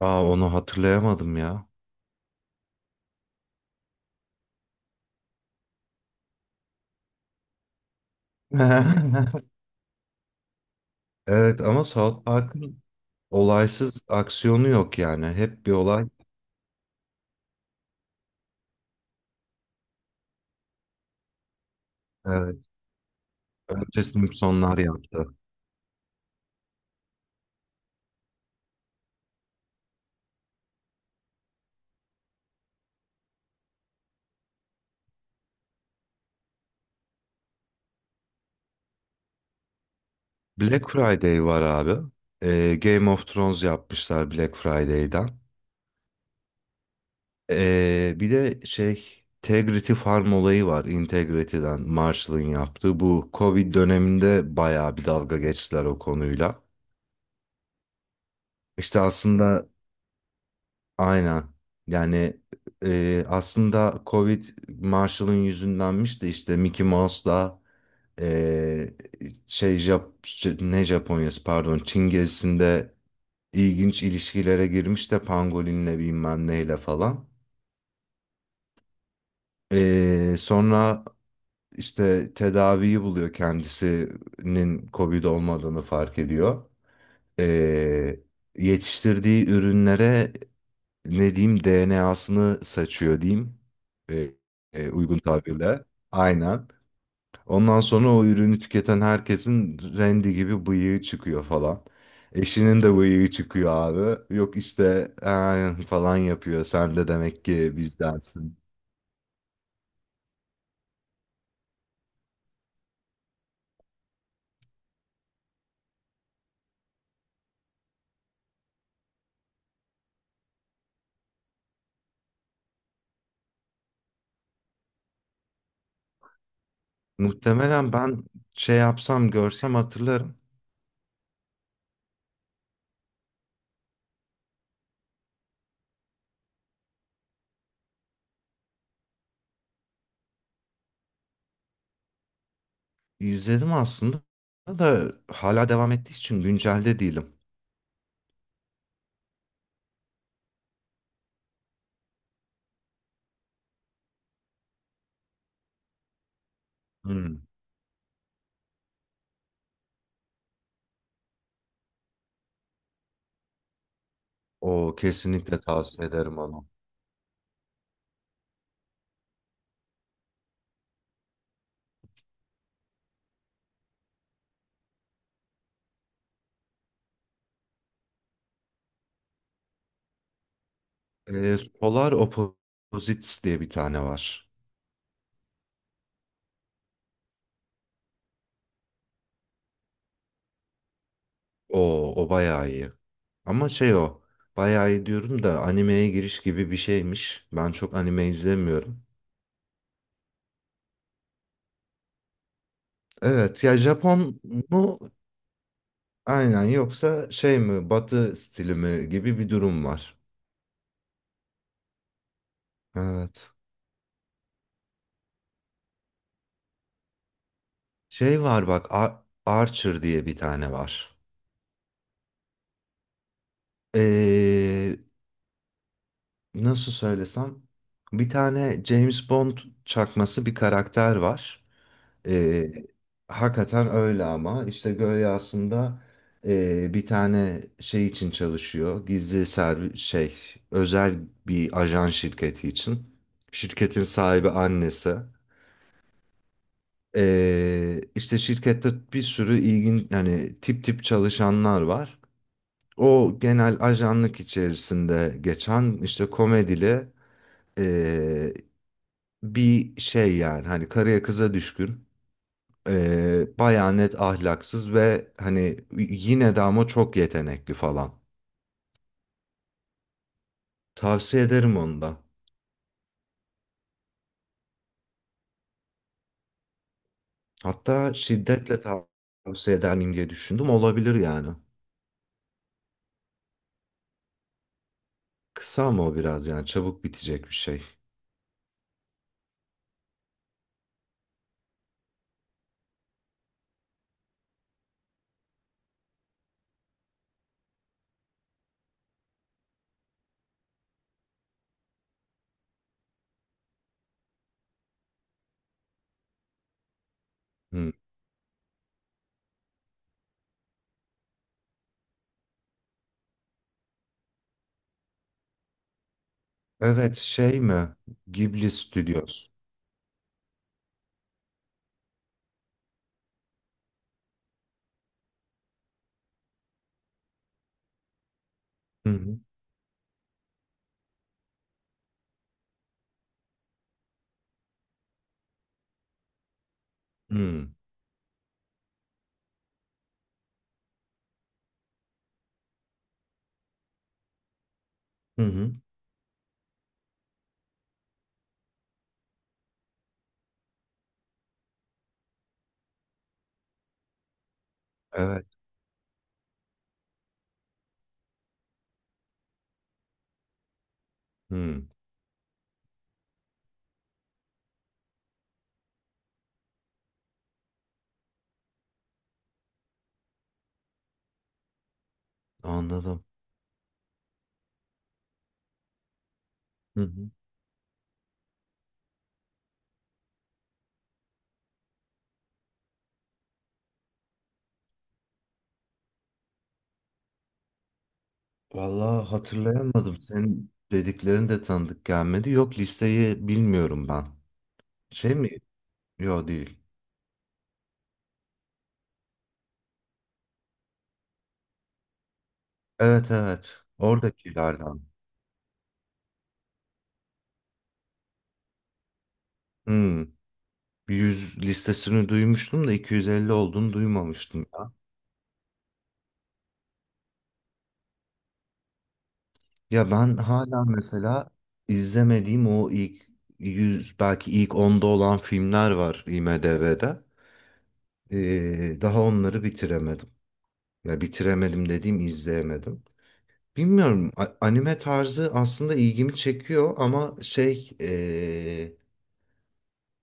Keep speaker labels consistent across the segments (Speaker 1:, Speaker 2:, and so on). Speaker 1: Aa onu hatırlayamadım ya. Evet ama South Park'ın olaysız aksiyonu yok yani. Hep bir olay. Evet. Önce Simpsonlar yaptı. Black Friday var abi. Game of Thrones yapmışlar Black Friday'den. Bir de şey Integrity Farm olayı var. Integrity'den Marshall'ın yaptığı. Bu Covid döneminde bayağı bir dalga geçtiler o konuyla. İşte aslında aynen. Yani aslında Covid Marshall'ın yüzündenmiş de işte Mickey Mouse'la e, şey ne Japonya'sı pardon Çin gezisinde ilginç ilişkilere girmiş de Pangolin'le bilmem neyle falan. Sonra işte tedaviyi buluyor, kendisinin Covid olmadığını fark ediyor. E, Yetiştirdiği ürünlere ne diyeyim, DNA'sını saçıyor diyeyim e, uygun tabirle. Aynen. Ondan sonra o ürünü tüketen herkesin rendi gibi bıyığı çıkıyor falan. Eşinin de bıyığı çıkıyor abi. Yok işte falan yapıyor. Sen de demek ki bizdensin. Muhtemelen ben şey yapsam görsem hatırlarım. İzledim aslında da hala devam ettiği için güncelde değilim. Hmm. O kesinlikle tavsiye ederim, onu. Solar Opposites diye bir tane var. O bayağı iyi. Ama şey o. Bayağı iyi diyorum da animeye giriş gibi bir şeymiş. Ben çok anime izlemiyorum. Evet ya, Japon mu? Aynen, yoksa şey mi? Batı stili mi gibi bir durum var. Evet. Şey var bak, Archer diye bir tane var. Ee, Nasıl söylesem? Bir tane James Bond çakması bir karakter var. E, Hakikaten öyle ama işte Gölge aslında bir tane şey için çalışıyor. Gizli servis şey, özel bir ajan şirketi için. Şirketin sahibi annesi. İşte şirkette bir sürü hani tip tip çalışanlar var. O genel ajanlık içerisinde geçen işte komedili e, bir şey yani, hani karıya kıza düşkün. Bayağı net ahlaksız ve hani yine de ama çok yetenekli falan. Tavsiye ederim onu da. Hatta şiddetle tavsiye eder miyim diye düşündüm. Olabilir yani. Kısa mı o biraz, yani çabuk bitecek bir şey. Hı. Evet, şey mi? Ghibli Studios. Hı hı. Hı hı. Hı. Evet. Hı. Anladım. Hı hı. Vallahi hatırlayamadım. Senin dediklerin de tanıdık gelmedi. Yok, listeyi bilmiyorum ben. Şey mi? Yok değil. Evet, evet. Oradakilerden. Hmm. 100 listesini duymuştum da 250 olduğunu duymamıştım ya. Ya ben hala mesela izlemediğim o ilk 100, belki ilk onda olan filmler var IMDb'de. Daha onları bitiremedim. Ya bitiremedim dediğim, izleyemedim. Bilmiyorum, anime tarzı aslında ilgimi çekiyor ama şey,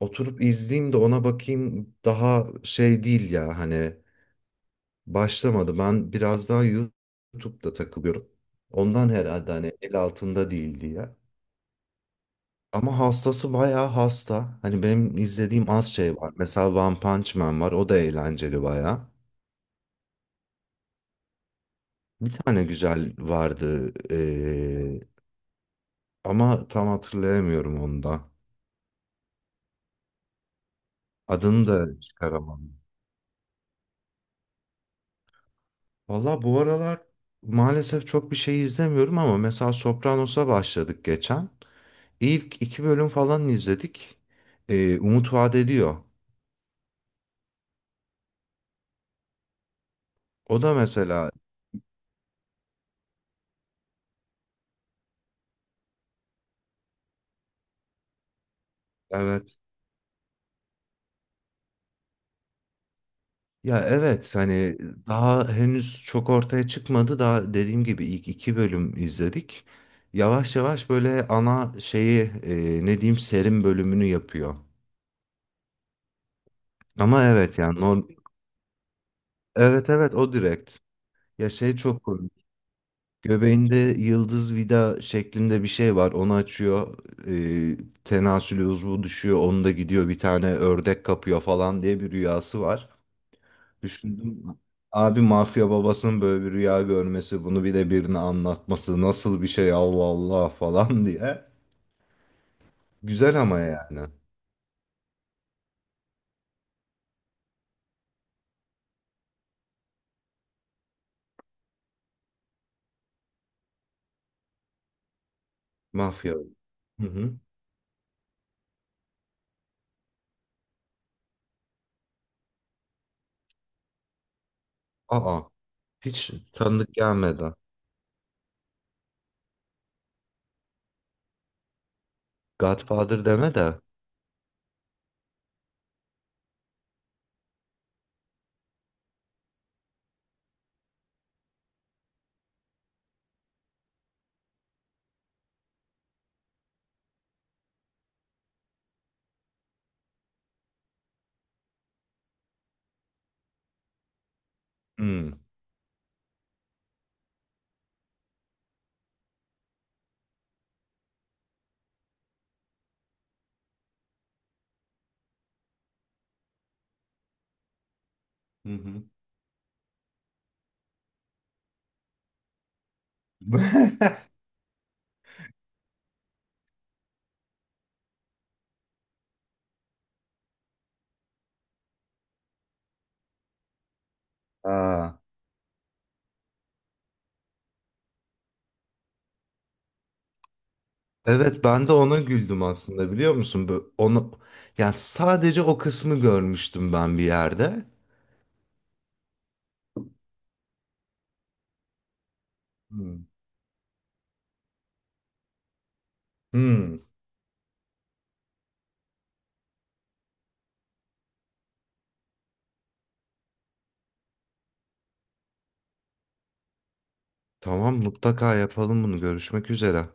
Speaker 1: oturup izleyeyim de ona bakayım daha şey değil ya, hani başlamadı. Ben biraz daha YouTube'da takılıyorum. Ondan herhalde, hani el altında değil diye. Ama hastası bayağı hasta. Hani benim izlediğim az şey var. Mesela One Punch Man var. O da eğlenceli bayağı. Bir tane güzel vardı. Ama tam hatırlayamıyorum onu da. Adını da çıkaramadım. Valla bu aralar maalesef çok bir şey izlemiyorum ama mesela Sopranos'a başladık geçen. İlk iki bölüm falan izledik. Umut vaat ediyor. O da mesela evet. Ya evet, hani daha henüz çok ortaya çıkmadı. Daha dediğim gibi ilk iki bölüm izledik. Yavaş yavaş böyle ana şeyi ne diyeyim, serim bölümünü yapıyor. Ama evet yani evet, evet, o direkt. Ya şey çok komik. Göbeğinde yıldız vida şeklinde bir şey var. Onu açıyor. E, Tenasül uzvu düşüyor. Onu da gidiyor bir tane ördek kapıyor falan diye bir rüyası var. Düşündüm. Abi mafya babasının böyle bir rüya görmesi, bunu bir de birine anlatması nasıl bir şey, Allah Allah falan diye. Güzel ama yani. Mafya. Hı hı. Aa, hiç tanıdık gelmedi. Godfather deme de. Hı. Hı hı. Aa, evet ben de ona güldüm aslında, biliyor musun? Böyle onu, yani sadece o kısmı görmüştüm ben bir yerde. Hı. Hı. Tamam, mutlaka yapalım bunu. Görüşmek üzere.